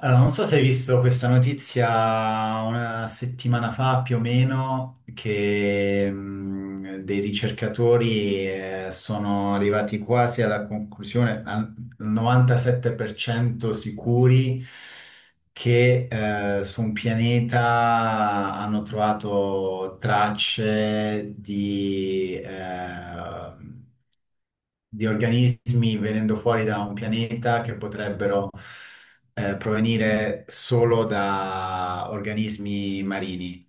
Allora, non so se hai visto questa notizia una settimana fa più o meno, che dei ricercatori, sono arrivati quasi alla conclusione, al 97% sicuri, che su un pianeta hanno trovato tracce di organismi venendo fuori da un pianeta che potrebbero, provenire solo da organismi marini.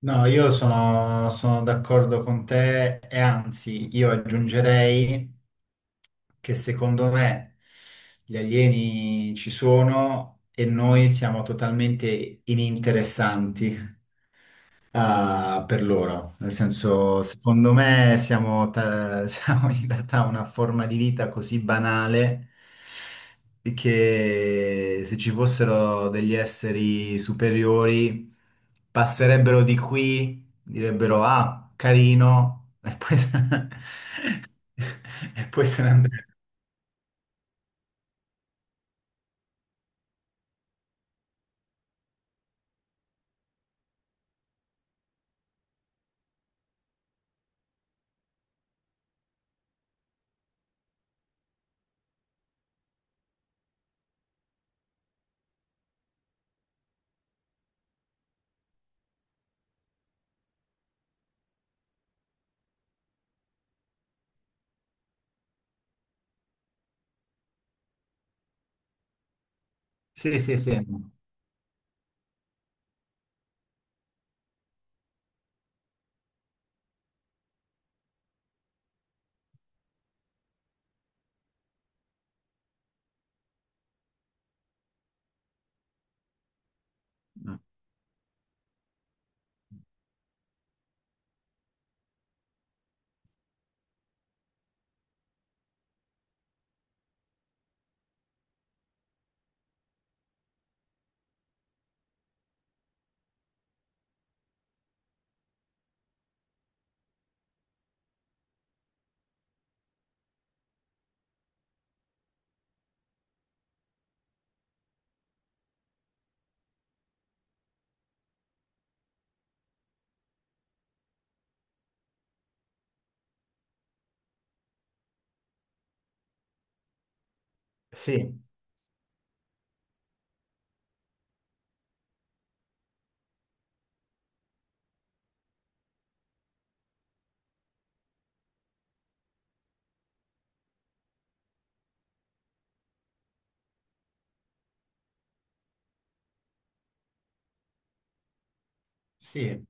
No, io sono d'accordo con te e anzi, io aggiungerei che secondo me gli alieni ci sono e noi siamo totalmente ininteressanti. Ah, per loro, nel senso, secondo me siamo, siamo in realtà una forma di vita così banale che se ci fossero degli esseri superiori passerebbero di qui, direbbero ah, carino, e poi se ne, e poi se ne andrebbero. Sì, sì, sì, sì, sì,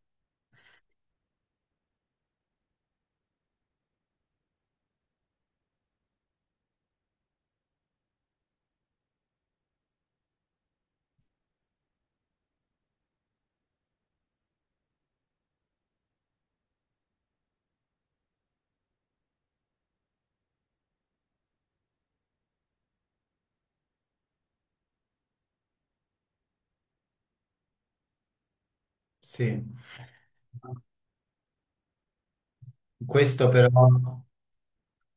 sì. Questo però.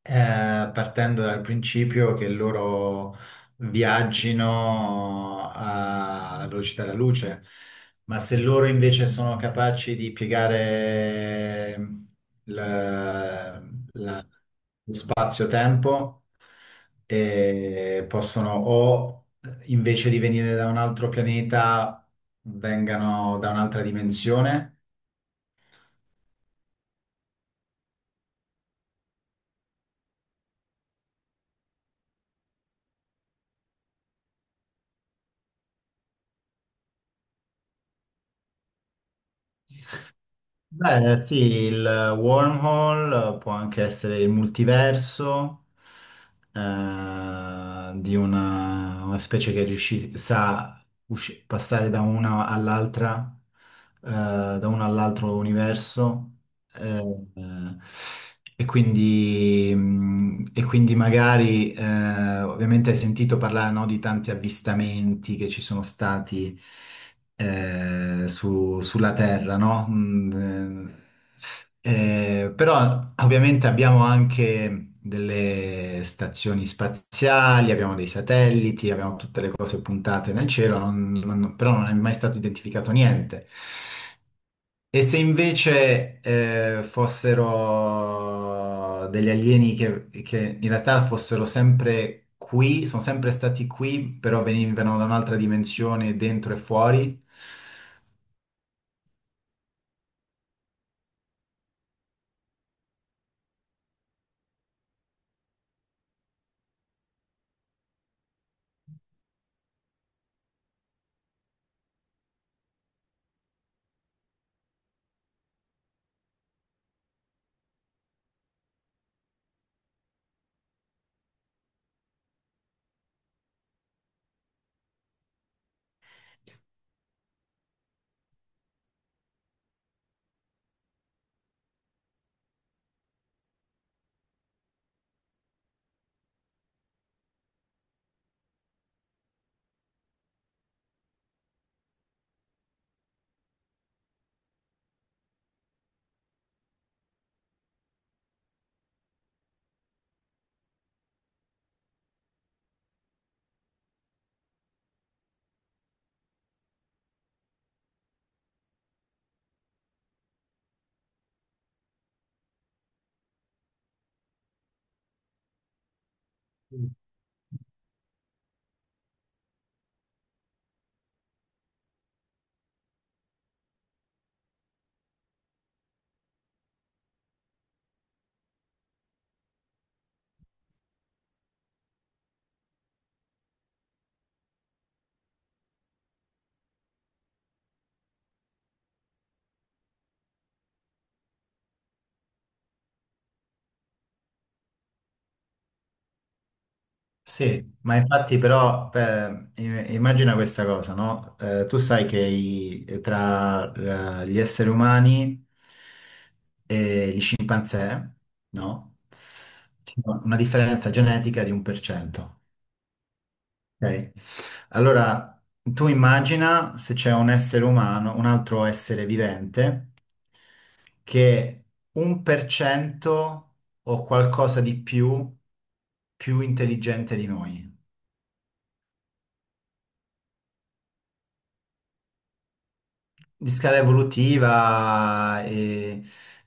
Partendo dal principio che loro alla velocità della luce, ma se loro invece sono capaci di piegare la- la- lo spazio-tempo, possono, o invece di venire da un altro pianeta vengano da un'altra dimensione. Beh, sì, il wormhole, può anche essere il multiverso, eh, di una specie che sa passare da una all'altra, eh, da uno all'altro universo. eh, eh, e quindi, e quindi magari, ovviamente hai sentito parlare, no, di tanti avvistamenti che ci sono stati sulla Terra, no? Però ovviamente abbiamo anche delle stazioni spaziali, abbiamo dei satelliti, abbiamo tutte le cose puntate nel cielo, però non è mai stato identificato niente. E se invece, fossero degli alieni che in realtà fossero sempre qui, sono sempre stati qui, però venivano da un'altra dimensione, dentro e fuori. Sì, ma infatti però, immagina questa cosa, no? Tu sai che, tra gli esseri umani e gli scimpanzé, no? C'è una differenza genetica di un per cento, ok? Allora, tu immagina se c'è un essere umano, un altro essere vivente, che un per cento o qualcosa di più, più intelligente di noi. Di scala evolutiva e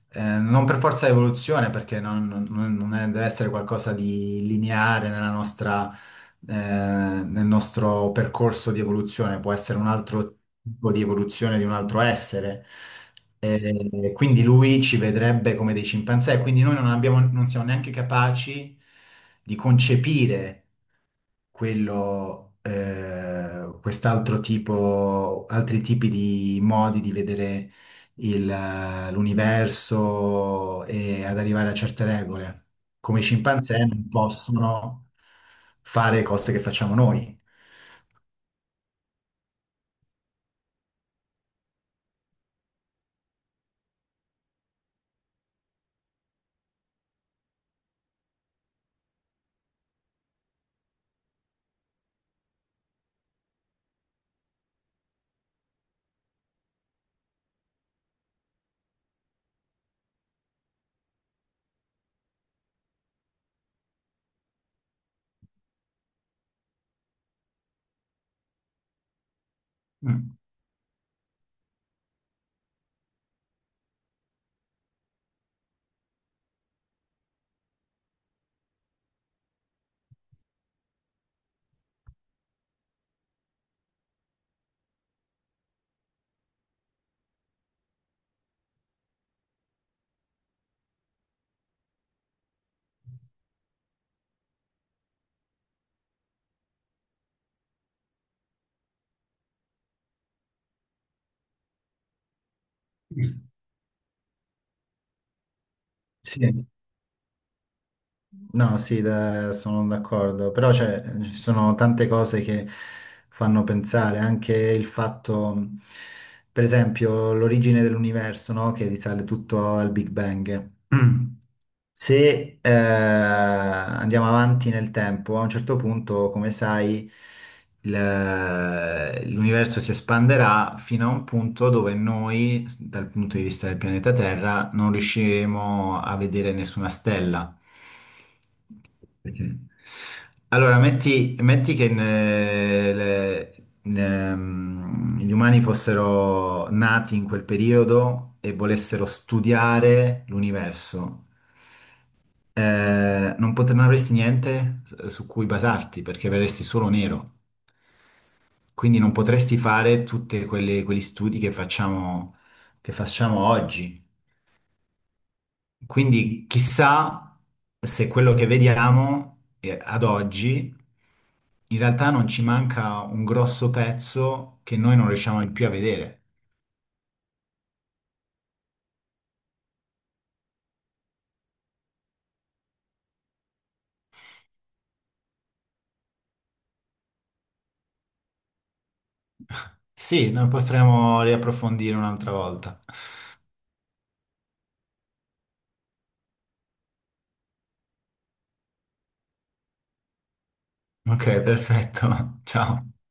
non per forza evoluzione, perché non, non- non è- deve essere qualcosa di lineare nella nostra, nel nostro percorso di evoluzione, può essere un altro tipo di evoluzione di un altro essere. E quindi lui ci vedrebbe come dei cimpanzé, quindi noi non abbiamo- non siamo neanche capaci di concepire quello, quest'altro tipo, altri tipi di modi di vedere il, l'universo e ad arrivare a certe regole. Come i scimpanzé non possono fare cose che facciamo noi. Mm. Sì. No, sì, sono d'accordo, però cioè, ci sono tante cose che fanno pensare, anche il fatto, per esempio, l'origine dell'universo, no? Che risale tutto al Big Bang. Se andiamo avanti nel tempo, a un certo punto, come sai, l'universo si espanderà fino a un punto dove noi, dal punto di vista del pianeta Terra, non riusciremo a vedere nessuna stella. Perché? Allora, metti che gli umani fossero nati in quel periodo e volessero studiare l'universo. Non avresti niente su cui basarti perché verresti solo nero. Quindi non potresti fare tutti quegli studi che che facciamo oggi. Quindi chissà se quello che vediamo, ad oggi in realtà non ci manca un grosso pezzo che noi non riusciamo più a vedere. Sì, noi potremo riapprofondire un'altra volta. Ok, perfetto. Ciao.